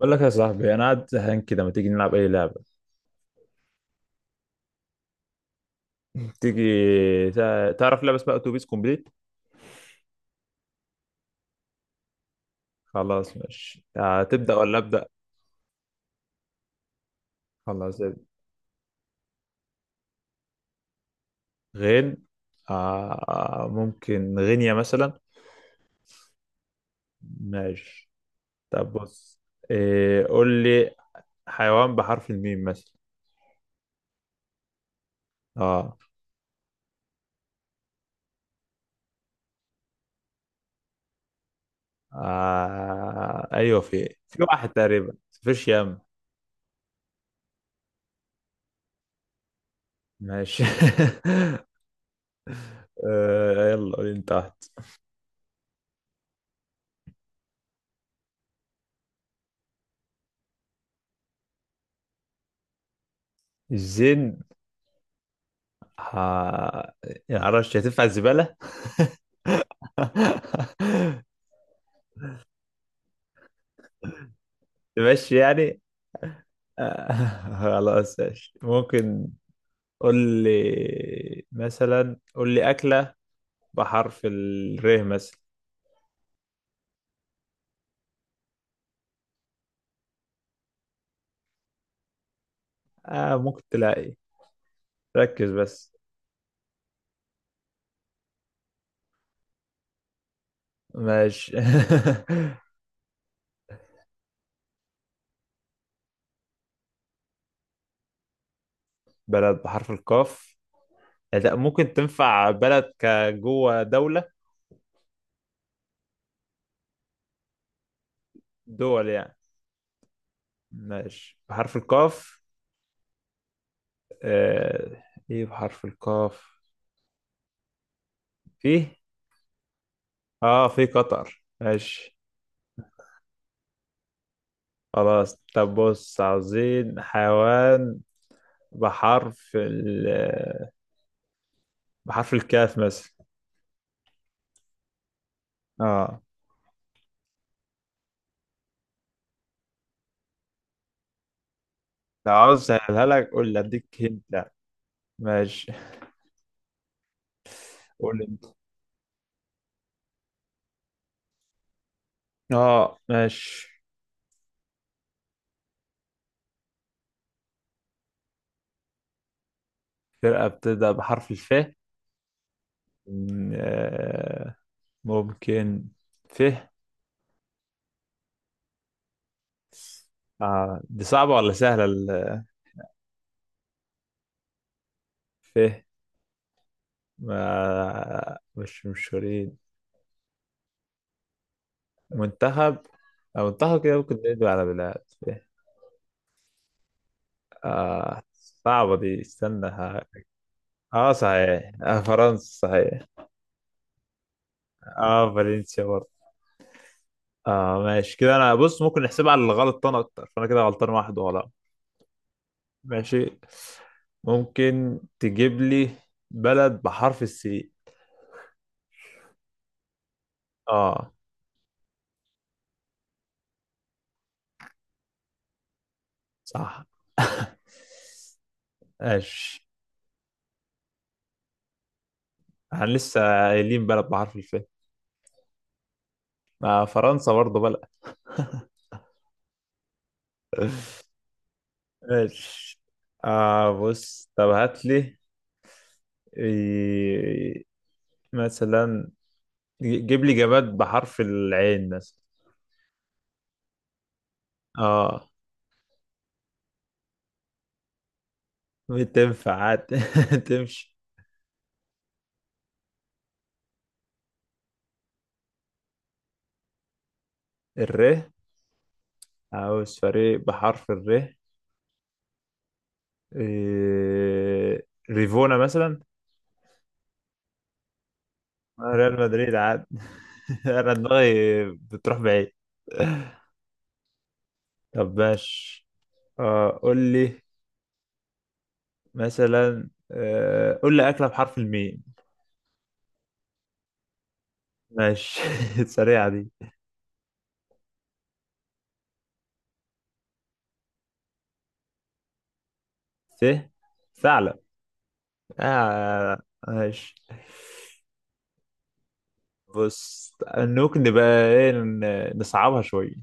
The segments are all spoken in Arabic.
بقول لك يا صاحبي انا قاعد زهقان كده، ما تيجي نلعب اي لعبه؟ تيجي؟ تعرف لعبه اسمها اتوبيس كومبليت؟ خلاص ماشي آه، تبدا ولا ابدا؟ خلاص ابدأ. غين. آه ممكن غينيا مثلا. ماشي، طب بص، إيه قول لي. حيوان بحرف الميم مثلا. اه, آه ايوه، في واحد تقريبا، فيش يم. ماشي. آه يلا قول انت واحد. الزين؟ آه، يعني معرفش هتنفع، الزباله. ماشي يعني. آه، خلاص ماشي ممكن. قول لي مثلا، قول لي أكلة بحرف الر مثلا. آه ممكن تلاقي، ركز بس. ماشي. بلد بحرف القاف. آه، لا، ممكن تنفع بلد كجوه، دولة. دول يعني. ماشي، بحرف القاف. آه، ايه بحرف القاف؟ فيه. اه في قطر، ماشي. خلاص طب بص، عاوزين حيوان بحرف ال بحرف الكاف مثلا. اه. لو عاوز اسهلها لك قول لي، اديك هنت لا. ماشي. قول انت. اه ماشي. فرقة بتبدأ بحرف الف. آه، ممكن. ف. آه. دي صعبة ولا سهلة ف. ما مش مشهورين. منتخب. أو منتخب كده، ممكن ندوي على بلاد ف. آه. صعبة دي، استنى. اه صحيح، آه فرنسا صحيح. اه فالنسيا برضه. اه ماشي كده. انا بص، ممكن نحسبها على الغلط، انا اكتر، فانا كده غلطان واحد ولا؟ ماشي. ممكن تجيب لي بلد بحرف السي. اه صح. ماشي. احنا لسه قايلين بلد بحرف الف. آه فرنسا برضه بلد. ماشي. آه بص، طب هات لي، إيه، مثلا، جيب لي جماد بحرف العين مثلا. اه بتنفع عادي. تمشي. الر. عاوز فريق بحرف الر. إيه... ريفونا مثلا. آه، ريال مدريد عادي. انا دماغي بتروح بعيد. طب ماشي. آه قول لي مثلا، آه قول لي أكلة بحرف الميم. ماشي. سريعة دي. س. ثعلب. آه ماشي. بص، ممكن نبقى ايه، نصعبها شوية.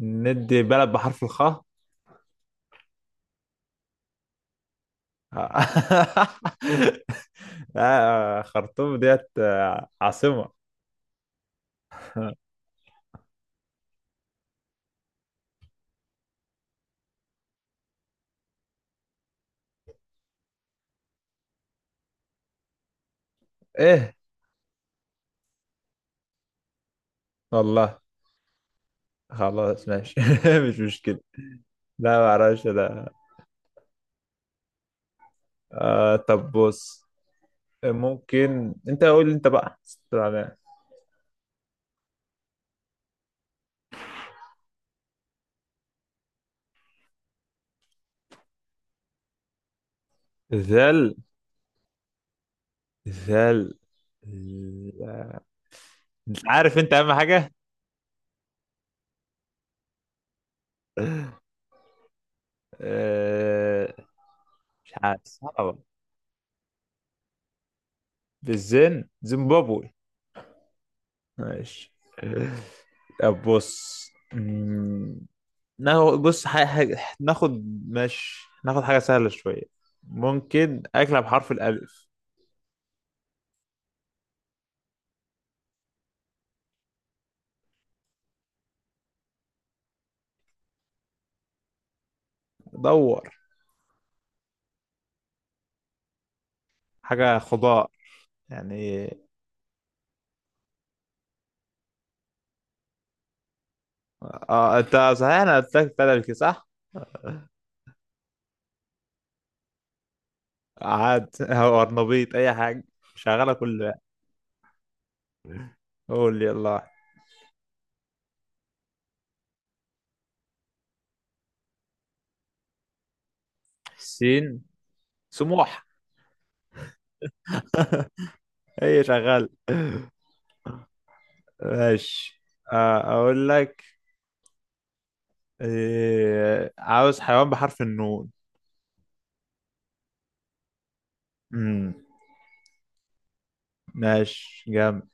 ندي بلد بحرف الخاء. لا، خرطوم ديت آه، عاصمة. ايه، والله. خلاص ماشي. مش مشكلة. لا ما اعرفش ده. آه طب بص. ممكن انت قول لي، انت بقى استنى. ذل. ذل. مش عارف انت، اهم حاجة. آه، مش عارف، صعبة. بالزين، زيمبابوي. ماشي. طب بص. مم، ناخد بص حاجة، حاجة ناخد. ماشي ناخد حاجة سهلة شوية. ممكن أكلة بحرف الألف. دور. حاجة خضار يعني. اه انت صحيح، انا قلت لك تلفي صح؟ عاد. او ارنبيط، اي حاجة شغالة، كل بقى. قول يلا واحد. سين. سموح. هي شغالة. ماشي. آه، اقول لك إيه، عاوز حيوان بحرف النون. امم ماشي، جامد.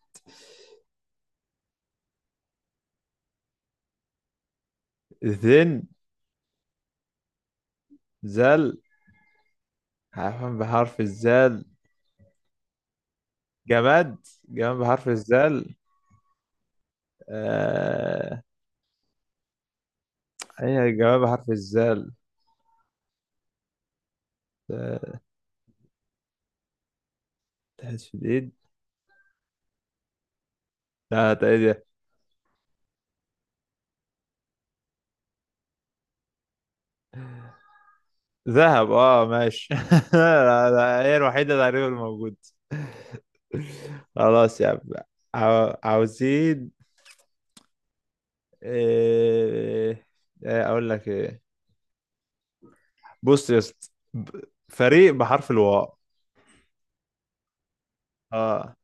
ذن. ذل. حيوان بحرف الزال؟ جماد. جماد بحرف الزال. آه... أي جماد بحرف الزال. آه، تحس في الإيد؟ لا، ده إيه ده؟ ذهب، اه ماشي. لا، لا، هي الوحيدة تقريبا الموجودة. خلاص يا عم. عاوزين إيه... إيه أقول لك، إيه بص يا اسطى، ب- فريق بحرف الواو. اه.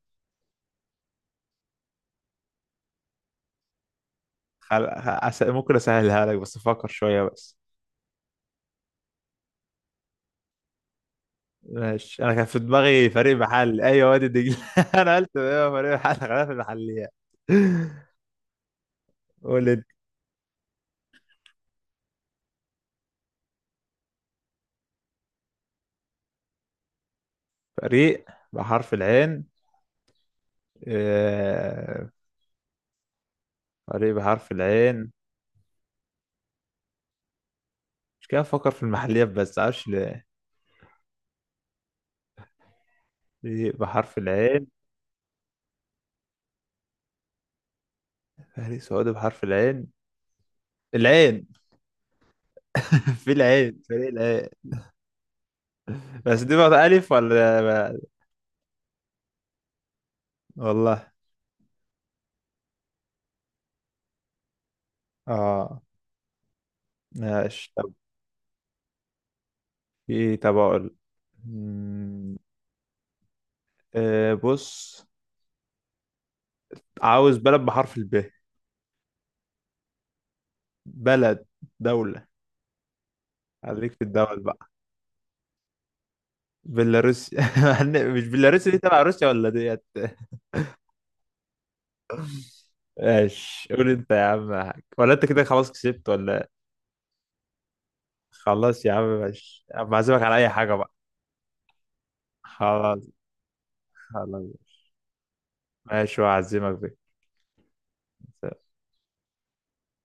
ممكن أسهلها لك بس، فكر شوية بس. ماشي. انا كان في دماغي فريق محلي، ايوه وادي دجله. انا قلت ايوه فريق محلي، خلينا في المحليات. قول انت. فريق بحرف العين. آه، فريق بحرف العين. مش كده، افكر في المحليات بس معرفش ليه. فريق بحرف العين. فريق سعودي بحرف العين؟ العين. في العين، فريق العين. بس دي بقى ألف ولا؟ والله. اه ماشي طب. في، طب أقول، مم، آه، بص، عاوز بلد بحرف الب. بلد، دولة. خليك في الدول بقى. بيلاروسيا. مش بيلاروسيا دي تبع روسيا ولا ديت؟ ماشي، قول انت يا عم حاج. ولا انت كده خلاص كسبت ولا إيه؟ خلاص يا عم ماشي، أما أعزمك على اي حاجة بقى. خلاص. خلاص ماشي، وأعزمك بك.